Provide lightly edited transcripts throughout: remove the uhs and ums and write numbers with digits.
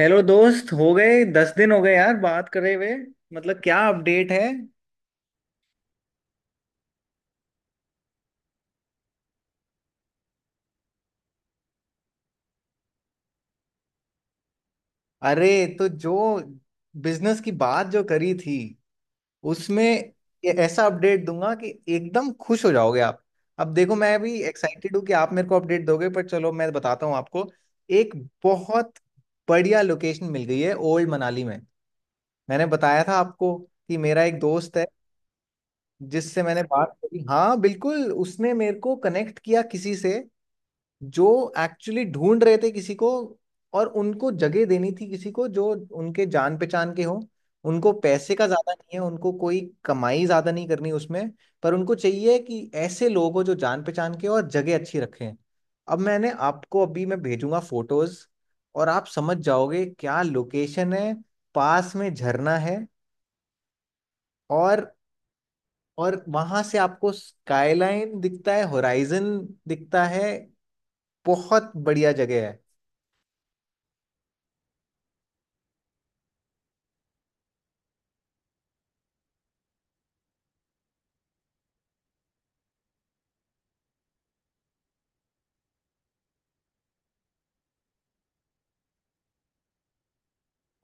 Hello दोस्त। हो गए 10 दिन हो गए यार बात करे हुए। मतलब क्या अपडेट है। अरे, तो जो बिजनेस की बात जो करी थी उसमें ये ऐसा अपडेट दूंगा कि एकदम खुश हो जाओगे आप। अब देखो मैं भी एक्साइटेड हूँ कि आप मेरे को अपडेट दोगे, पर चलो मैं बताता हूँ आपको। एक बहुत बढ़िया लोकेशन मिल गई है ओल्ड मनाली में। मैंने बताया था आपको कि मेरा एक दोस्त है जिससे मैंने बात करी, हाँ बिल्कुल, उसने मेरे को कनेक्ट किया किसी से जो एक्चुअली ढूंढ रहे थे किसी को और उनको जगह देनी थी किसी को जो उनके जान पहचान के हो। उनको पैसे का ज्यादा नहीं है, उनको कोई कमाई ज्यादा नहीं करनी उसमें, पर उनको चाहिए कि ऐसे लोग हो जो जान पहचान के हो और जगह अच्छी रखें। अब मैंने आपको अभी मैं भेजूंगा फोटोज और आप समझ जाओगे क्या लोकेशन है। पास में झरना है, और और वहां से आपको स्काईलाइन दिखता है, होराइजन दिखता है। बहुत बढ़िया जगह है।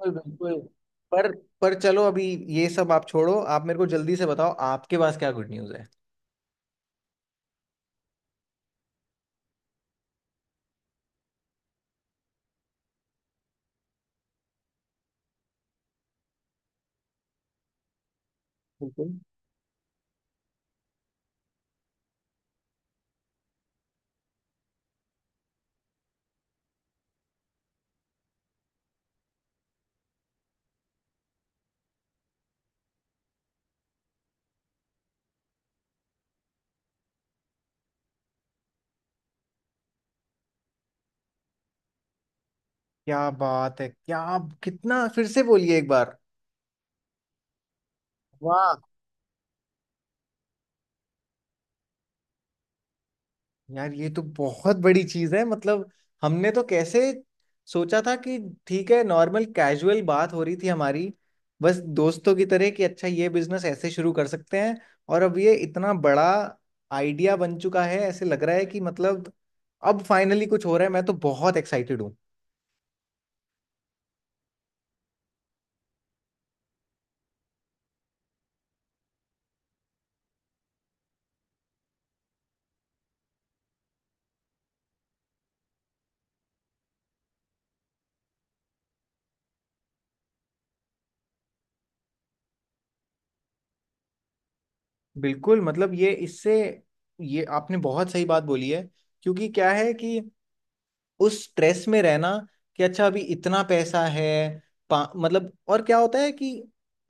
बिल्कुल बिल्कुल। पर पर चलो अभी ये सब आप छोड़ो, आप मेरे को जल्दी से बताओ आपके पास क्या गुड न्यूज़ है। बिल्कुल। क्या बात है! क्या, कितना फिर से बोलिए एक बार। वाह! यार ये तो बहुत बड़ी चीज है, मतलब हमने तो कैसे सोचा था कि ठीक है, नॉर्मल कैजुअल बात हो रही थी हमारी, बस दोस्तों की तरह कि अच्छा ये बिजनेस ऐसे शुरू कर सकते हैं, और अब ये इतना बड़ा आइडिया बन चुका है। ऐसे लग रहा है कि मतलब अब फाइनली कुछ हो रहा है, मैं तो बहुत एक्साइटेड हूँ। बिल्कुल, मतलब ये इससे ये आपने बहुत सही बात बोली है। क्योंकि क्या है कि उस स्ट्रेस में रहना कि अच्छा अभी इतना पैसा है, मतलब और क्या होता है कि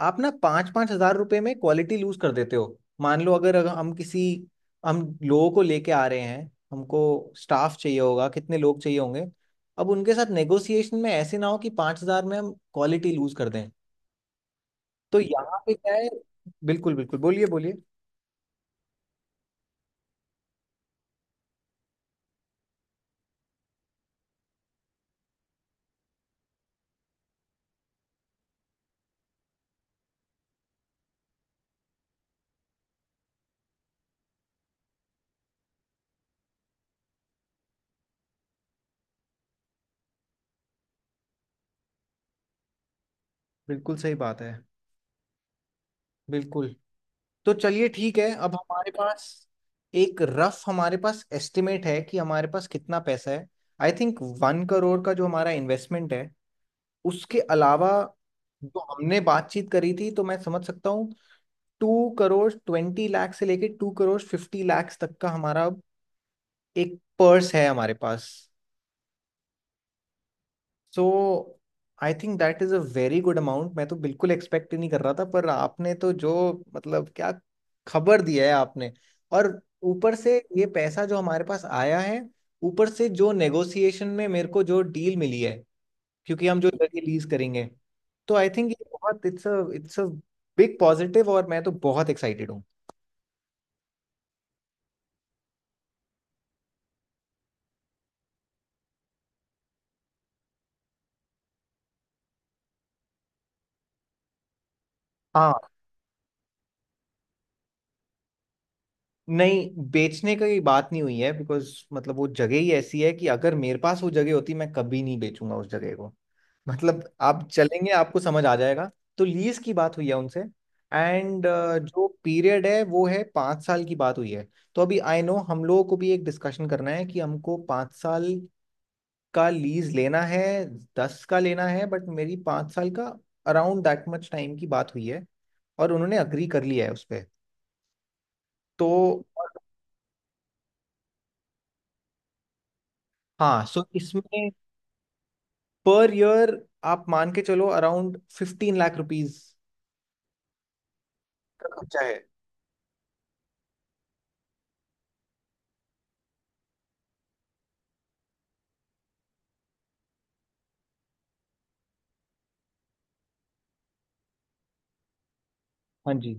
आप ना पाँच पाँच हजार रुपए में क्वालिटी लूज कर देते हो। मान लो अगर अगर हम किसी, हम लोगों को लेके आ रहे हैं, हमको स्टाफ चाहिए होगा, कितने लोग चाहिए होंगे, अब उनके साथ नेगोशिएशन में ऐसे ना हो कि 5 हज़ार में हम क्वालिटी लूज कर दें। तो यहाँ पे क्या है। बिल्कुल बिल्कुल बोलिए बोलिए। बिल्कुल सही बात है। बिल्कुल। तो चलिए ठीक है, अब हमारे पास एक रफ हमारे पास एस्टिमेट है कि हमारे पास कितना पैसा है। आई थिंक 1 करोड़ का जो हमारा इन्वेस्टमेंट है उसके अलावा जो हमने बातचीत करी थी, तो मैं समझ सकता हूँ 2 करोड़ 20 लाख से लेके 2 करोड़ 50 लाख तक का हमारा अब एक पर्स है हमारे पास। So I think that is a very good amount. मैं तो बिल्कुल एक्सपेक्ट ही नहीं कर रहा था, पर आपने तो जो, मतलब क्या खबर दिया है आपने। और ऊपर से ये पैसा जो हमारे पास आया है, ऊपर से जो नेगोशिएशन में मेरे को जो डील मिली है क्योंकि हम जो जगह लीज करेंगे, तो आई थिंक ये बहुत इट्स अ बिग पॉजिटिव, और मैं तो बहुत एक्साइटेड हूँ। हाँ, नहीं बेचने की बात नहीं हुई है बिकॉज, मतलब वो जगह ही ऐसी है कि अगर मेरे पास वो जगह होती मैं कभी नहीं बेचूंगा उस जगह को। मतलब आप चलेंगे आपको समझ आ जाएगा। तो लीज की बात हुई है उनसे। एंड जो पीरियड है वो है 5 साल की बात हुई है। तो अभी आई नो हम लोगों को भी एक डिस्कशन करना है कि हमको 5 साल का लीज लेना है, दस का लेना है, बट मेरी 5 साल का अराउंड दैट मच टाइम की बात हुई है और उन्होंने अग्री कर लिया है उस पर। तो हाँ सो इसमें पर ईयर आप मान के चलो अराउंड 15 लाख रुपीज का खर्चा है। हाँ जी।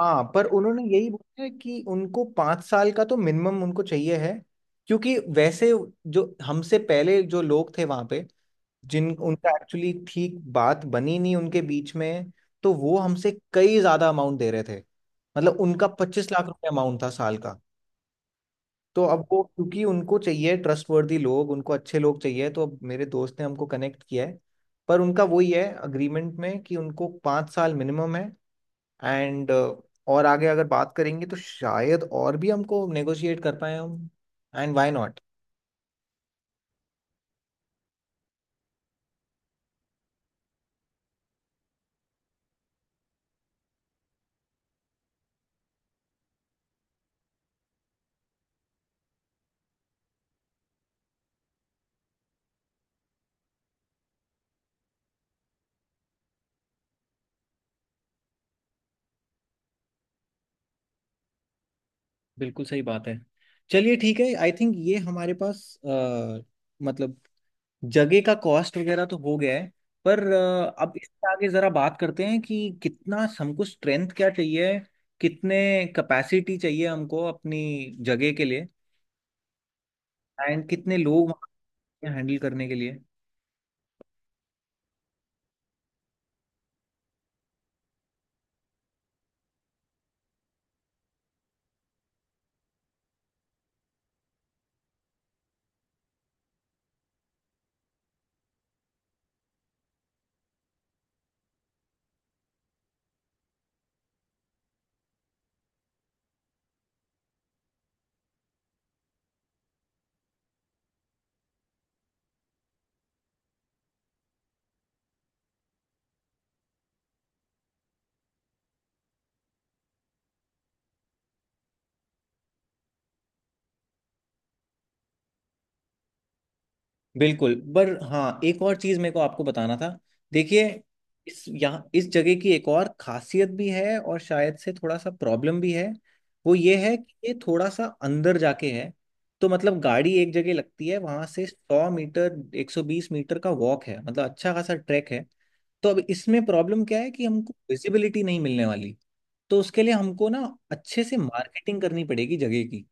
हाँ पर उन्होंने यही बोला है कि उनको 5 साल का तो मिनिमम उनको चाहिए है, क्योंकि वैसे जो हमसे पहले जो लोग थे वहाँ पे, जिन उनका एक्चुअली ठीक बात बनी नहीं उनके बीच में, तो वो हमसे कई ज़्यादा अमाउंट दे रहे थे, मतलब उनका 25 लाख रुपए अमाउंट था साल का। तो अब वो, क्योंकि उनको चाहिए ट्रस्टवर्दी लोग, उनको अच्छे लोग चाहिए, तो अब मेरे दोस्त ने हमको कनेक्ट किया है। पर उनका वही है अग्रीमेंट में कि उनको पाँच साल मिनिमम है। एंड और आगे अगर बात करेंगे तो शायद और भी हमको नेगोशिएट कर पाए हम। And why not. बिल्कुल सही बात है। चलिए ठीक है आई थिंक ये हमारे पास मतलब जगह का कॉस्ट वगैरह तो हो गया है, पर अब इससे आगे ज़रा बात करते हैं कि कितना हमको स्ट्रेंथ क्या चाहिए, कितने कैपेसिटी चाहिए हमको अपनी जगह के लिए, एंड कितने लोग वहाँ हैंडल करने के लिए। बिल्कुल, पर हाँ एक और चीज मेरे को आपको बताना था, देखिए इस यहाँ इस जगह की एक और खासियत भी है और शायद से थोड़ा सा प्रॉब्लम भी है। वो ये है कि ये थोड़ा सा अंदर जाके है, तो मतलब गाड़ी एक जगह लगती है, वहां से 100 मीटर 120 मीटर का वॉक है, मतलब अच्छा खासा ट्रैक है। तो अब इसमें प्रॉब्लम क्या है कि हमको विजिबिलिटी नहीं मिलने वाली, तो उसके लिए हमको ना अच्छे से मार्केटिंग करनी पड़ेगी जगह की।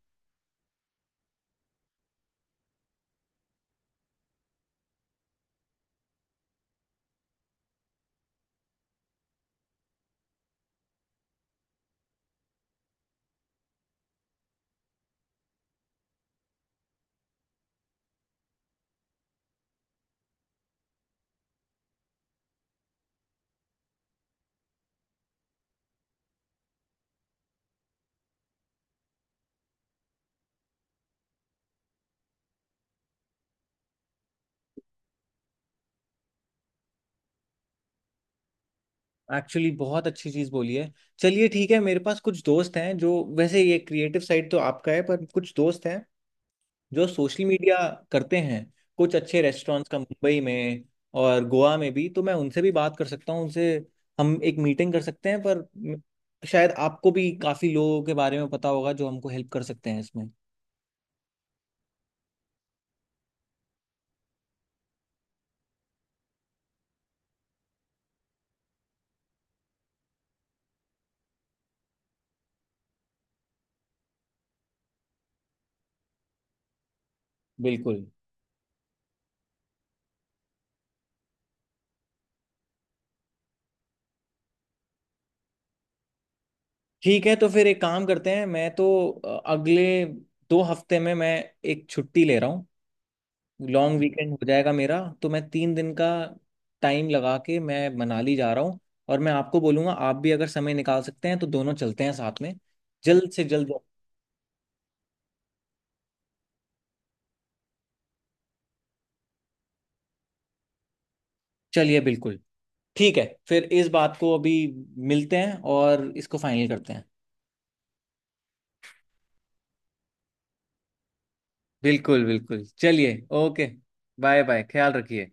एक्चुअली बहुत अच्छी चीज बोली है। चलिए ठीक है, मेरे पास कुछ दोस्त हैं जो, वैसे ये क्रिएटिव साइड तो आपका है, पर कुछ दोस्त हैं जो सोशल मीडिया करते हैं कुछ अच्छे रेस्टोरेंट्स का मुंबई में और गोवा में भी, तो मैं उनसे भी बात कर सकता हूँ, उनसे हम एक मीटिंग कर सकते हैं। पर शायद आपको भी काफी लोगों के बारे में पता होगा जो हमको हेल्प कर सकते हैं इसमें। बिल्कुल। ठीक है तो फिर एक काम करते हैं, मैं तो अगले 2 हफ्ते में मैं एक छुट्टी ले रहा हूँ, लॉन्ग वीकेंड हो जाएगा मेरा, तो मैं 3 दिन का टाइम लगा के मैं मनाली जा रहा हूँ, और मैं आपको बोलूंगा आप भी अगर समय निकाल सकते हैं तो दोनों चलते हैं साथ में जल्द से जल्द। चलिए बिल्कुल ठीक है, फिर इस बात को अभी मिलते हैं और इसको फाइनल करते हैं। बिल्कुल बिल्कुल चलिए, ओके बाय बाय, ख्याल रखिए।